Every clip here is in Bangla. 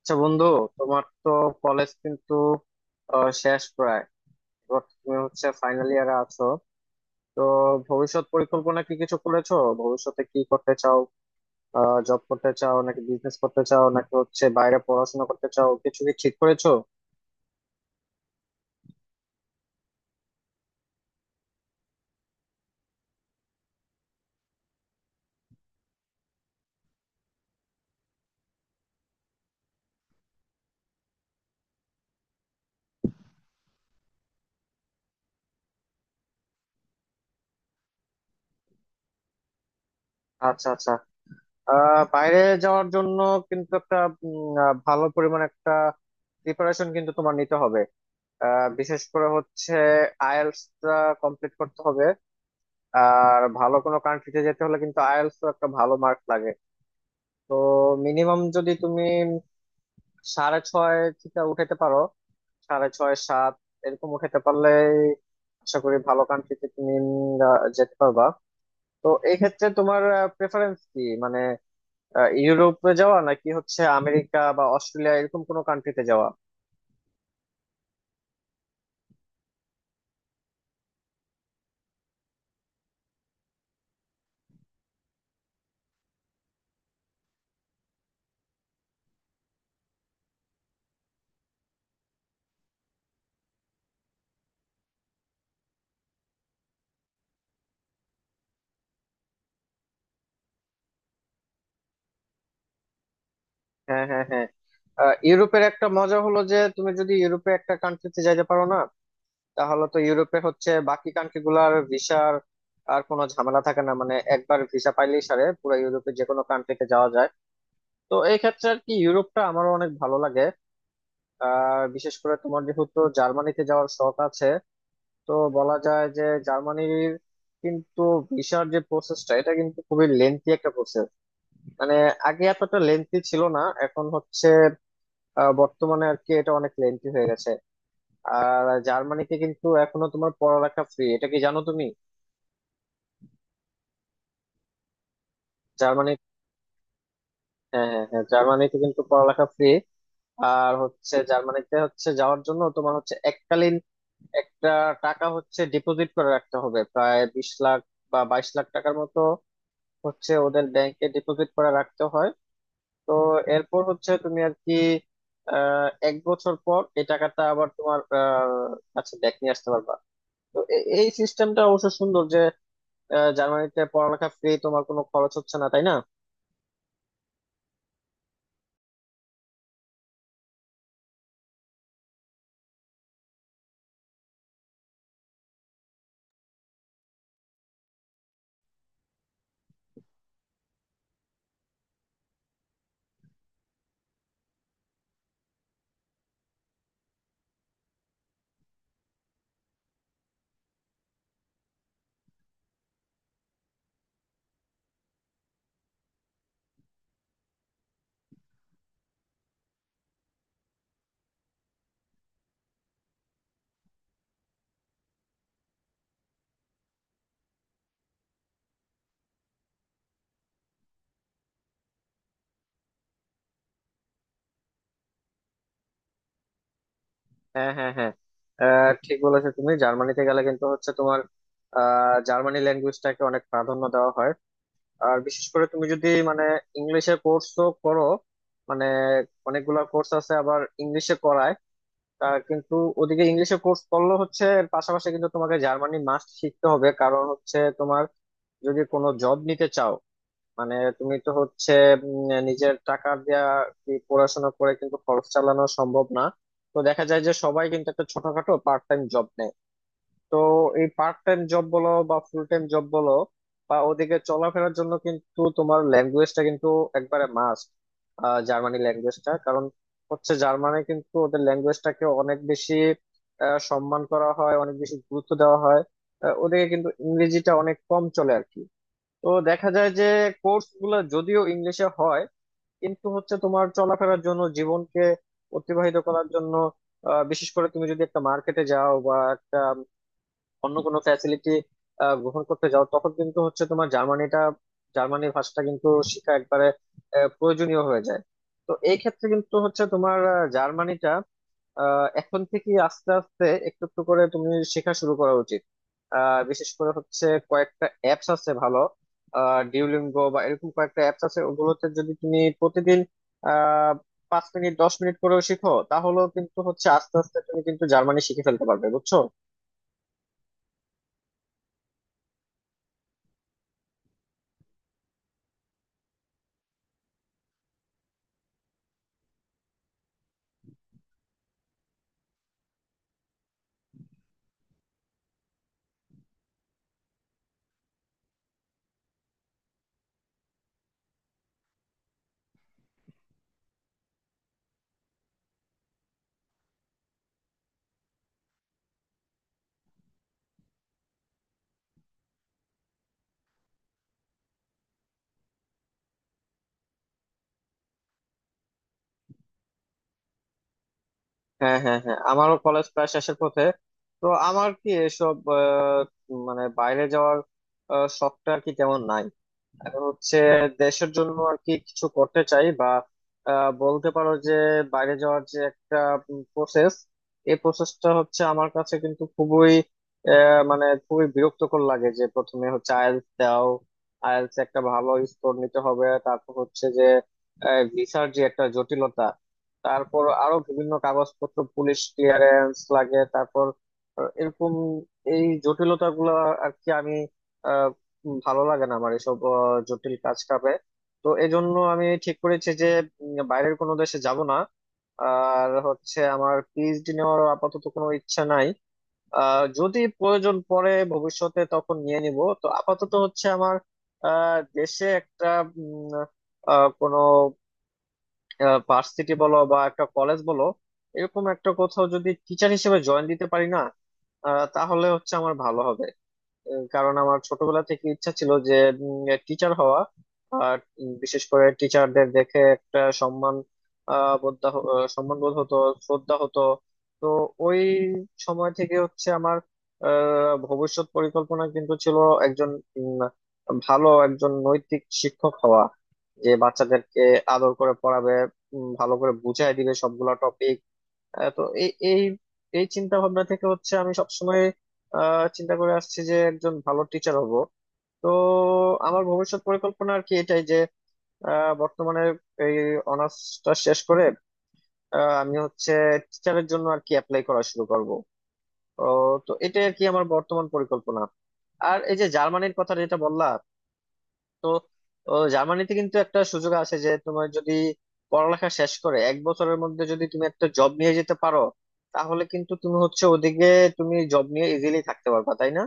আচ্ছা বন্ধু, তোমার তো কলেজ কিন্তু শেষ প্রায়। এবার তুমি হচ্ছে ফাইনাল ইয়ারে আছো। তো ভবিষ্যৎ পরিকল্পনা কি কিছু করেছো? ভবিষ্যতে কি করতে চাও? জব করতে চাও নাকি বিজনেস করতে চাও নাকি হচ্ছে বাইরে পড়াশোনা করতে চাও? কিছু কি ঠিক করেছো? আচ্ছা, আচ্ছা। বাইরে যাওয়ার জন্য কিন্তু একটা ভালো পরিমাণ একটা প্রিপারেশন কিন্তু তোমার নিতে হবে। বিশেষ করে হচ্ছে আইএলটিএস কমপ্লিট করতে হবে। আর ভালো কোনো কান্ট্রিতে যেতে হলে কিন্তু আইএলটিএস তো একটা ভালো মার্ক লাগে। তো মিনিমাম যদি তুমি 6.5 থেকে উঠাতে পারো, 6.5-7 এরকম উঠাতে পারলে আশা করি ভালো কান্ট্রিতে তুমি যেতে পারবা। তো এই ক্ষেত্রে তোমার প্রেফারেন্স কি, মানে ইউরোপে যাওয়া নাকি হচ্ছে আমেরিকা বা অস্ট্রেলিয়া এরকম কোনো কান্ট্রিতে যাওয়া? হ্যাঁ, হ্যাঁ, হ্যাঁ। ইউরোপের একটা মজা হলো যে তুমি যদি ইউরোপে একটা কান্ট্রিতে যাইতে পারো না, তাহলে তো ইউরোপে হচ্ছে বাকি কান্ট্রি গুলার ভিসার আর কোনো ঝামেলা থাকে না। মানে একবার ভিসা পাইলেই সারে পুরো ইউরোপে যে কোনো কান্ট্রিতে যাওয়া যায়। তো এই ক্ষেত্রে আর কি ইউরোপটা আমারও অনেক ভালো লাগে। আর বিশেষ করে তোমার যেহেতু জার্মানিতে যাওয়ার শখ আছে, তো বলা যায় যে জার্মানির কিন্তু ভিসার যে প্রসেসটা, এটা কিন্তু খুবই লেন্থি একটা প্রসেস। মানে আগে এতটা লেন্থি ছিল না, এখন হচ্ছে, বর্তমানে আর কি এটা অনেক লেন্থি হয়ে গেছে। আর জার্মানিতে কিন্তু এখনো তোমার পড়ালেখা ফ্রি, এটা কি জানো তুমি? জার্মানি। হ্যাঁ, হ্যাঁ, হ্যাঁ, জার্মানিতে কিন্তু পড়ালেখা ফ্রি। আর হচ্ছে জার্মানিতে হচ্ছে যাওয়ার জন্য তোমার হচ্ছে এককালীন একটা টাকা হচ্ছে ডিপোজিট করে রাখতে হবে, প্রায় 20 লাখ বা 22 লাখ টাকার মতো হচ্ছে ওদের ব্যাংকে ডিপোজিট করে রাখতে হয়। তো এরপর হচ্ছে তুমি আর কি 1 বছর পর এই টাকাটা আবার তোমার কাছে ব্যাক নিয়ে আসতে পারবা। তো এই সিস্টেমটা অবশ্য সুন্দর যে জার্মানিতে পড়ালেখা ফ্রি, তোমার কোনো খরচ হচ্ছে না, তাই না? হ্যাঁ, হ্যাঁ, হ্যাঁ, ঠিক বলেছো তুমি। জার্মানিতে গেলে কিন্তু হচ্ছে তোমার জার্মানি ল্যাঙ্গুয়েজটাকে অনেক প্রাধান্য দেওয়া হয়। আর বিশেষ করে তুমি যদি মানে ইংলিশে কোর্সও করো, মানে অনেকগুলা কোর্স আছে আবার ইংলিশে করায়, তার কিন্তু ওদিকে ইংলিশে কোর্স করলে হচ্ছে এর পাশাপাশি কিন্তু তোমাকে জার্মানি মাস্ট শিখতে হবে, কারণ হচ্ছে তোমার যদি কোনো জব নিতে চাও, মানে তুমি তো হচ্ছে নিজের টাকা দিয়া কি পড়াশোনা করে কিন্তু খরচ চালানো সম্ভব না। তো দেখা যায় যে সবাই কিন্তু একটা ছোটখাটো পার্ট টাইম জব নেয়। তো এই পার্ট টাইম জব বলো বা ফুল টাইম জব বলো বা ওদিকে চলাফেরার জন্য কিন্তু তোমার ল্যাঙ্গুয়েজটা কিন্তু একবারে মাস্ট, জার্মানি ল্যাঙ্গুয়েজটা। কারণ হচ্ছে জার্মানি কিন্তু ওদের ল্যাঙ্গুয়েজটাকে অনেক বেশি সম্মান করা হয়, অনেক বেশি গুরুত্ব দেওয়া হয়। ওদিকে কিন্তু ইংরেজিটা অনেক কম চলে আর কি। তো দেখা যায় যে কোর্স গুলো যদিও ইংলিশে হয়, কিন্তু হচ্ছে তোমার চলাফেরার জন্য, জীবনকে অতিবাহিত করার জন্য, বিশেষ করে তুমি যদি একটা মার্কেটে যাও বা একটা অন্য কোনো ফ্যাসিলিটি গ্রহণ করতে যাও, তখন কিন্তু হচ্ছে তোমার জার্মানিটা, জার্মানি ভাষাটা কিন্তু শেখা একবারে প্রয়োজনীয় হয়ে যায়। তো এই ক্ষেত্রে কিন্তু হচ্ছে তোমার জার্মানিটা এখন থেকে আস্তে আস্তে একটু একটু করে তুমি শেখা শুরু করা উচিত। বিশেষ করে হচ্ছে কয়েকটা অ্যাপস আছে ভালো, ডিউলিঙ্গো বা এরকম কয়েকটা অ্যাপস আছে। ওগুলোতে যদি তুমি প্রতিদিন আহ 5 মিনিট 10 মিনিট করেও শিখো, তাহলেও কিন্তু হচ্ছে আস্তে আস্তে তুমি কিন্তু জার্মানি শিখে ফেলতে পারবে, বুঝছো? হ্যাঁ, হ্যাঁ, হ্যাঁ, আমারও কলেজ প্রায় শেষের পথে। তো আমার কি এসব, মানে বাইরে যাওয়ার শখটা আর কি তেমন নাই। আর হচ্ছে দেশের জন্য আর কি কিছু করতে চাই। বা বলতে পারো যে বাইরে যাওয়ার যে একটা প্রসেস, এই প্রসেসটা হচ্ছে আমার কাছে কিন্তু খুবই, মানে খুবই বিরক্তকর লাগে। যে প্রথমে হচ্ছে আইএলটিএস দাও, আইএলটিএস একটা ভালো স্কোর নিতে হবে, তারপর হচ্ছে যে ভিসার যে একটা জটিলতা, তারপর আরো বিভিন্ন কাগজপত্র, পুলিশ ক্লিয়ারেন্স লাগে, তারপর এরকম এই জটিলতা গুলো আর কি আমি, ভালো লাগে না আমার এসব জটিল কাজ কাপে। তো এজন্য আমি ঠিক করেছি যে বাইরের কোনো দেশে যাব না। আর হচ্ছে আমার পিএইচডি নেওয়ার আপাতত কোনো ইচ্ছা নাই। যদি প্রয়োজন পড়ে ভবিষ্যতে তখন নিয়ে নিব। তো আপাতত হচ্ছে আমার দেশে একটা উম, কোনো ভার্সিটি বলো বা একটা কলেজ বলো, এরকম একটা কোথাও যদি টিচার হিসেবে জয়েন দিতে পারি না, তাহলে হচ্ছে আমার ভালো হবে। কারণ আমার ছোটবেলা থেকে ইচ্ছা ছিল যে টিচার হওয়া। আর বিশেষ করে টিচারদের দেখে একটা সম্মান বোধ, সম্মান বোধ হতো, শ্রদ্ধা হতো। তো ওই সময় থেকে হচ্ছে আমার ভবিষ্যৎ পরিকল্পনা কিন্তু ছিল একজন, উম, ভালো একজন নৈতিক শিক্ষক হওয়া, যে বাচ্চাদেরকে আদর করে পড়াবে, ভালো করে বুঝাই দিবে সবগুলা টপিক। তো এই এই এই চিন্তা ভাবনা থেকে হচ্ছে আমি সবসময় চিন্তা করে আসছি যে একজন ভালো টিচার হব। তো আমার ভবিষ্যৎ পরিকল্পনা আর কি এটাই যে বর্তমানে এই অনার্সটা শেষ করে আমি হচ্ছে টিচারের জন্য আর কি অ্যাপ্লাই করা শুরু করব। তো এটাই আর কি আমার বর্তমান পরিকল্পনা। আর এই যে জার্মানির কথা যেটা বললা, তো ও, জার্মানিতে কিন্তু একটা সুযোগ আছে যে তোমার যদি পড়ালেখা শেষ করে 1 বছরের মধ্যে যদি তুমি একটা জব নিয়ে যেতে পারো, তাহলে কিন্তু তুমি হচ্ছে ওদিকে তুমি জব নিয়ে ইজিলি থাকতে পারবা, তাই না?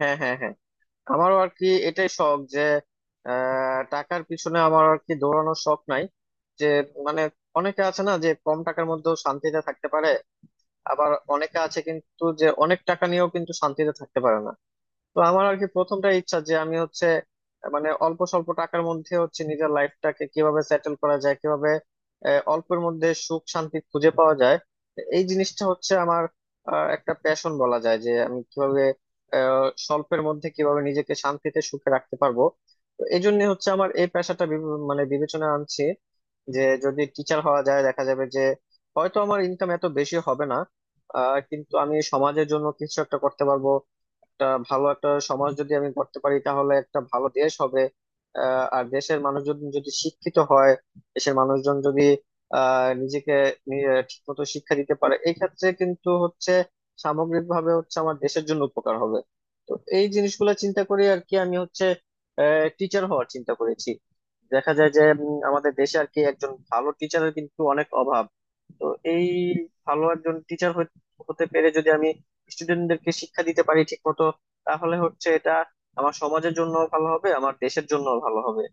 হ্যাঁ, হ্যাঁ, হ্যাঁ, আমারও আর কি এটাই শখ যে টাকার পিছনে আমার আর কি দৌড়ানোর শখ নাই। যে, মানে, অনেকে আছে না যে কম টাকার মধ্যেও শান্তিতে থাকতে পারে, আবার অনেকে আছে কিন্তু যে অনেক টাকা নিয়েও কিন্তু শান্তিতে থাকতে পারে না। তো আমার আর কি প্রথমটা ইচ্ছা যে আমি হচ্ছে মানে অল্প স্বল্প টাকার মধ্যে হচ্ছে নিজের লাইফটাকে কিভাবে সেটেল করা যায়, কিভাবে অল্পের মধ্যে সুখ শান্তি খুঁজে পাওয়া যায়। এই জিনিসটা হচ্ছে আমার একটা প্যাশন বলা যায়, যে আমি কিভাবে স্বল্পের মধ্যে কিভাবে নিজেকে শান্তিতে সুখে রাখতে পারবো। তো এই জন্য হচ্ছে আমার এই পেশাটা মানে বিবেচনা আনছি যে যদি টিচার হওয়া যায়, দেখা যাবে যে হয়তো আমার ইনকাম এত বেশি হবে না, কিন্তু আমি সমাজের জন্য কিছু একটা করতে পারবো। একটা ভালো একটা সমাজ যদি আমি করতে পারি তাহলে একটা ভালো দেশ হবে। আর দেশের মানুষজন যদি শিক্ষিত হয়, দেশের মানুষজন যদি নিজেকে ঠিক মতো শিক্ষা দিতে পারে, এই ক্ষেত্রে কিন্তু হচ্ছে সামগ্রিকভাবে হচ্ছে আমার দেশের জন্য উপকার হবে। তো এই জিনিসগুলো চিন্তা করে আর কি আমি হচ্ছে টিচার হওয়ার চিন্তা করেছি। দেখা যায় যে আমাদের দেশে আর কি একজন ভালো টিচারের কিন্তু অনেক অভাব। তো এই ভালো একজন টিচার হতে পেরে যদি আমি স্টুডেন্টদেরকে শিক্ষা দিতে পারি ঠিক মতো, তাহলে হচ্ছে এটা আমার সমাজের জন্য ভালো হবে, আমার দেশের জন্য ভালো হবে।